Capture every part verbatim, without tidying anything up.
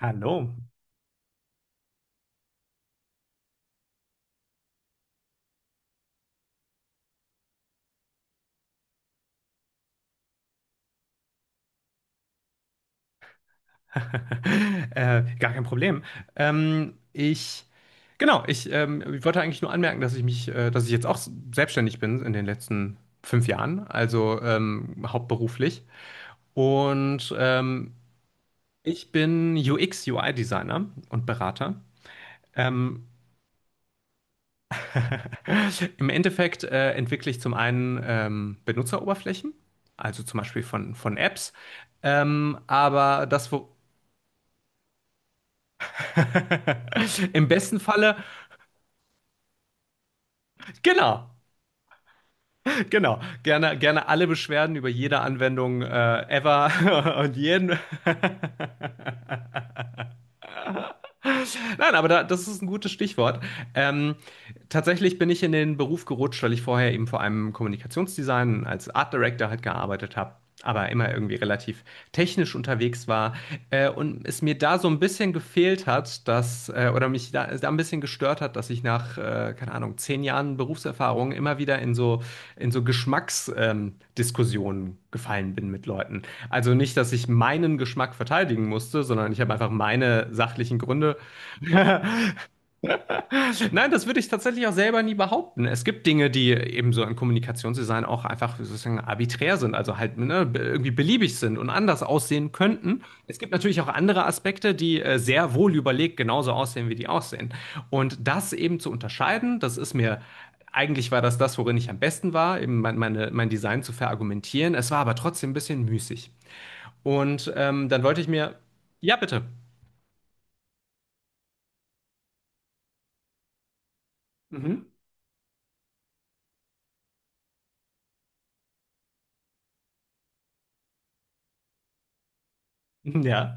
Hallo. Äh, gar kein Problem. Ähm, ich, genau, ich, ähm, ich wollte eigentlich nur anmerken, dass ich mich, äh, dass ich jetzt auch s- selbstständig bin in den letzten fünf Jahren, also ähm, hauptberuflich. Und ähm, ich bin U X-U I-Designer und Berater. Ähm, Im Endeffekt äh, entwickle ich zum einen ähm, Benutzeroberflächen, also zum Beispiel von, von Apps. Ähm, aber das, wo im besten Falle. Genau, genau. Gerne, gerne alle Beschwerden über jede Anwendung äh, ever und jeden. Nein, aber da, das ist ein gutes Stichwort. Ähm, Tatsächlich bin ich in den Beruf gerutscht, weil ich vorher eben vor allem im Kommunikationsdesign als Art Director halt gearbeitet habe, aber immer irgendwie relativ technisch unterwegs war, äh, und es mir da so ein bisschen gefehlt hat, dass, äh, oder mich da, da ein bisschen gestört hat, dass ich nach äh, keine Ahnung zehn Jahren Berufserfahrung immer wieder in so in so Geschmacksdiskussionen, ähm, Diskussionen gefallen bin mit Leuten. Also nicht, dass ich meinen Geschmack verteidigen musste, sondern ich habe einfach meine sachlichen Gründe. Nein, das würde ich tatsächlich auch selber nie behaupten. Es gibt Dinge, die eben so im Kommunikationsdesign auch einfach sozusagen arbiträr sind, also halt ne, irgendwie beliebig sind und anders aussehen könnten. Es gibt natürlich auch andere Aspekte, die äh, sehr wohl überlegt genauso aussehen, wie die aussehen. Und das eben zu unterscheiden, das ist mir, eigentlich war das das, worin ich am besten war, eben mein, meine, mein Design zu verargumentieren. Es war aber trotzdem ein bisschen müßig. Und ähm, dann wollte ich mir. Ja, bitte. Mhm. Ja.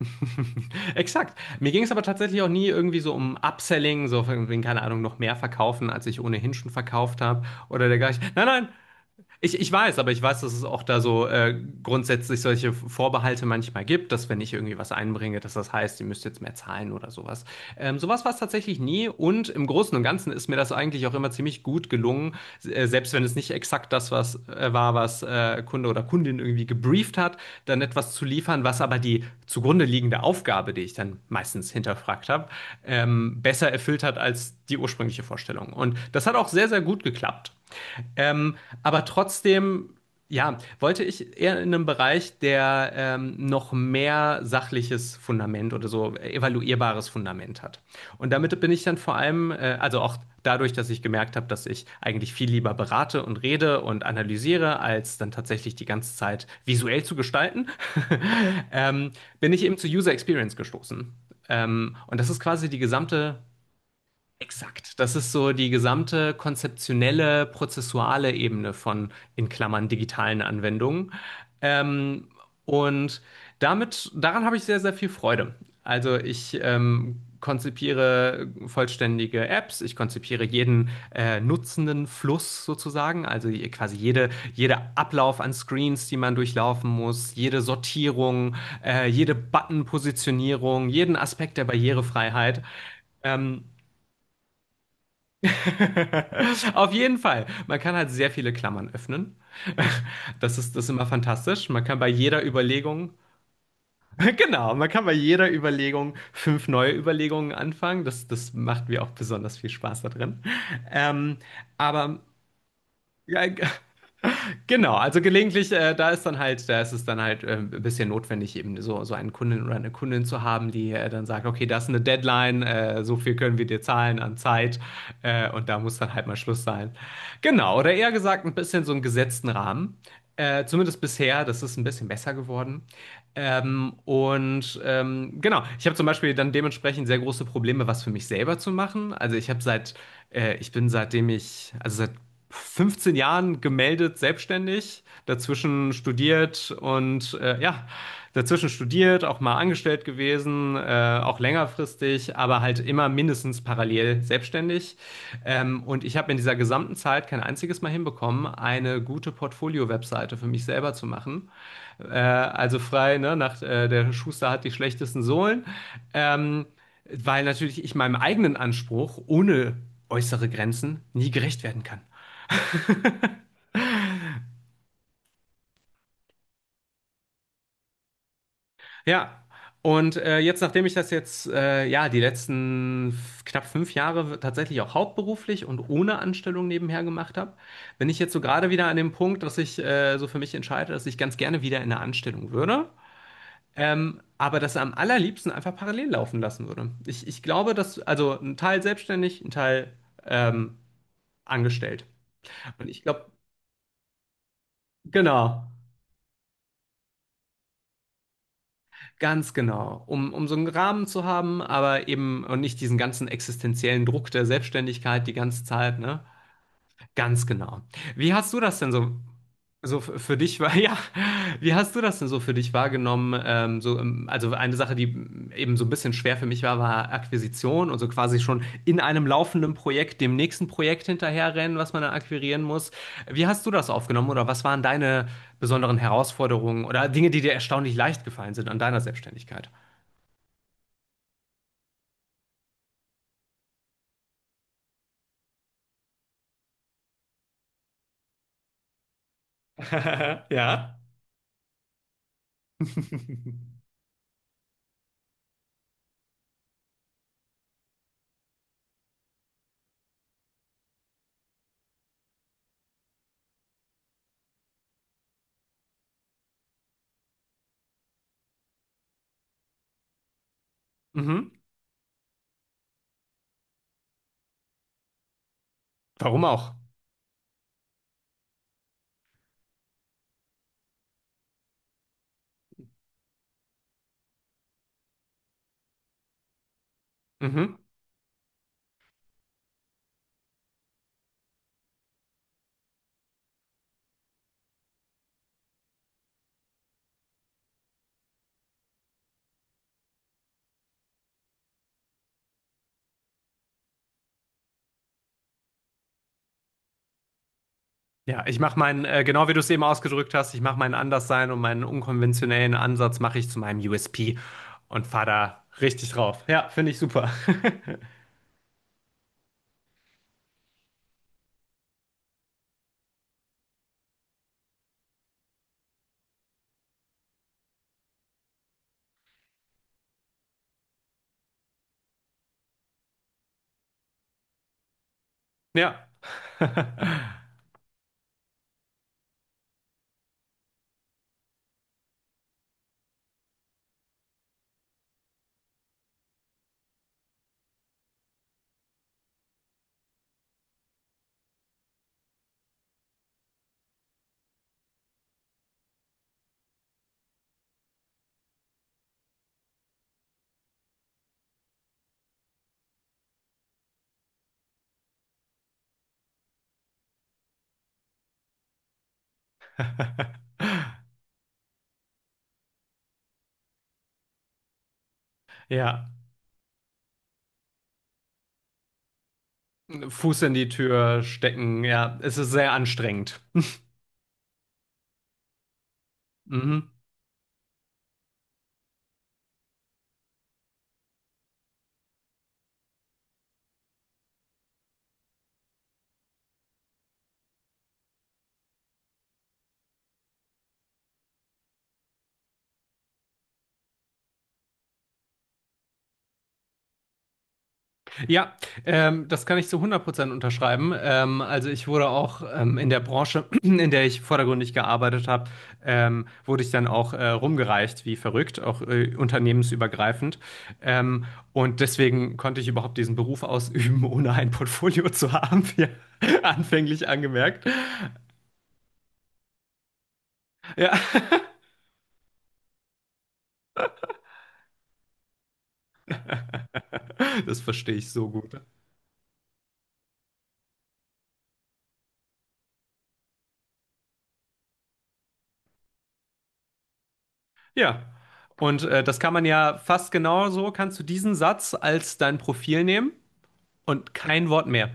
Exakt. Mir ging es aber tatsächlich auch nie irgendwie so um Upselling, so von wegen, keine Ahnung, noch mehr verkaufen, als ich ohnehin schon verkauft habe oder dergleichen. Nein, nein, ich, ich weiß, aber ich weiß, dass es auch da so äh, grundsätzlich solche Vorbehalte manchmal gibt, dass wenn ich irgendwie was einbringe, dass das heißt, ihr müsst jetzt mehr zahlen oder sowas. Ähm, sowas war es tatsächlich nie und im Großen und Ganzen ist mir das eigentlich auch immer ziemlich gut gelungen, äh, selbst wenn es nicht exakt das was, äh, war, was äh, Kunde oder Kundin irgendwie gebrieft hat, dann etwas zu liefern, was aber die zugrunde liegende Aufgabe, die ich dann meistens hinterfragt habe, ähm, besser erfüllt hat als die ursprüngliche Vorstellung. Und das hat auch sehr, sehr gut geklappt. Ähm, aber trotzdem, ja, wollte ich eher in einem Bereich, der ähm, noch mehr sachliches Fundament oder so evaluierbares Fundament hat. Und damit bin ich dann vor allem, äh, also auch dadurch, dass ich gemerkt habe, dass ich eigentlich viel lieber berate und rede und analysiere, als dann tatsächlich die ganze Zeit visuell zu gestalten, ähm, bin ich eben zu User Experience gestoßen. Ähm, und das ist quasi die gesamte. Exakt. Das ist so die gesamte konzeptionelle, prozessuale Ebene von in Klammern digitalen Anwendungen. Ähm, und damit, daran habe ich sehr, sehr viel Freude. Also ich ähm, konzipiere vollständige Apps, ich konzipiere jeden äh, nutzenden Fluss sozusagen, also je- quasi jede, jeder Ablauf an Screens, die man durchlaufen muss, jede Sortierung, äh, jede Button-Positionierung, jeden Aspekt der Barrierefreiheit. Ähm, auf jeden Fall. Man kann halt sehr viele Klammern öffnen. Das ist, das ist immer fantastisch. Man kann bei jeder Überlegung, genau, man kann bei jeder Überlegung fünf neue Überlegungen anfangen. Das, das macht mir auch besonders viel Spaß da drin. Ähm, aber ja, genau, also gelegentlich, äh, da ist dann halt, da ist es dann halt äh, ein bisschen notwendig, eben so, so einen Kunden oder eine Kundin zu haben, die äh, dann sagt, okay, das ist eine Deadline, äh, so viel können wir dir zahlen an Zeit, äh, und da muss dann halt mal Schluss sein. Genau, oder eher gesagt, ein bisschen so einen gesetzten Rahmen. Äh, zumindest bisher, das ist ein bisschen besser geworden. Ähm, und ähm, genau, ich habe zum Beispiel dann dementsprechend sehr große Probleme, was für mich selber zu machen. Also ich habe seit, äh, ich bin seitdem ich, also seit fünfzehn Jahren gemeldet selbstständig, dazwischen studiert und äh, ja, dazwischen studiert, auch mal angestellt gewesen, äh, auch längerfristig, aber halt immer mindestens parallel selbstständig. Ähm, und ich habe in dieser gesamten Zeit kein einziges Mal hinbekommen, eine gute Portfolio-Webseite für mich selber zu machen. Äh, also frei, ne, nach äh, der Schuster hat die schlechtesten Sohlen. Ähm, Weil natürlich ich meinem eigenen Anspruch ohne äußere Grenzen nie gerecht werden kann. Ja. Und äh, jetzt, nachdem ich das jetzt, äh, ja, die letzten f- knapp fünf Jahre tatsächlich auch hauptberuflich und ohne Anstellung nebenher gemacht habe, bin ich jetzt so gerade wieder an dem Punkt, dass ich äh, so für mich entscheide, dass ich ganz gerne wieder in eine Anstellung würde. Ähm, aber das am allerliebsten einfach parallel laufen lassen würde. Ich, ich glaube, dass, also ein Teil selbstständig, ein Teil ähm, angestellt. Und ich glaube, genau. Ganz genau, um, um so einen Rahmen zu haben, aber eben und nicht diesen ganzen existenziellen Druck der Selbstständigkeit die ganze Zeit, ne? Ganz genau. Wie hast du das denn so, so f- für dich war, ja, wie hast du das denn so für dich wahrgenommen? Ähm, so, ähm, also eine Sache, die eben so ein bisschen schwer für mich war, war Akquisition und so quasi schon in einem laufenden Projekt dem nächsten Projekt hinterherrennen, was man dann akquirieren muss. Wie hast du das aufgenommen oder was waren deine besonderen Herausforderungen oder Dinge, die dir erstaunlich leicht gefallen sind an deiner Selbstständigkeit? Ja. Mhm. Warum auch? Mhm. Ja, ich mache meinen, äh, genau wie du es eben ausgedrückt hast, ich mache meinen Anderssein und meinen unkonventionellen Ansatz mache ich zu meinem U S P und fahre da richtig drauf. Ja, finde ich super. Ja. Ja. Fuß in die Tür stecken, ja, es ist sehr anstrengend. Mhm. Ja, ähm, das kann ich zu hundert Prozent unterschreiben. Ähm, also ich wurde auch ähm, in der Branche, in der ich vordergründig gearbeitet habe, ähm, wurde ich dann auch äh, rumgereicht, wie verrückt, auch äh, unternehmensübergreifend. Ähm, und deswegen konnte ich überhaupt diesen Beruf ausüben, ohne ein Portfolio zu haben, wie anfänglich angemerkt. Ja, das verstehe ich so gut. Ja. Und äh, das kann man ja fast genauso, kannst du diesen Satz als dein Profil nehmen. Und kein Wort mehr.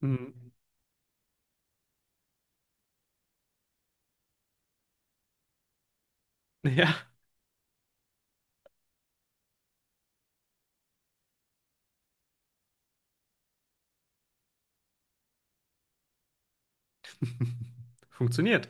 Mhm. Ja, funktioniert.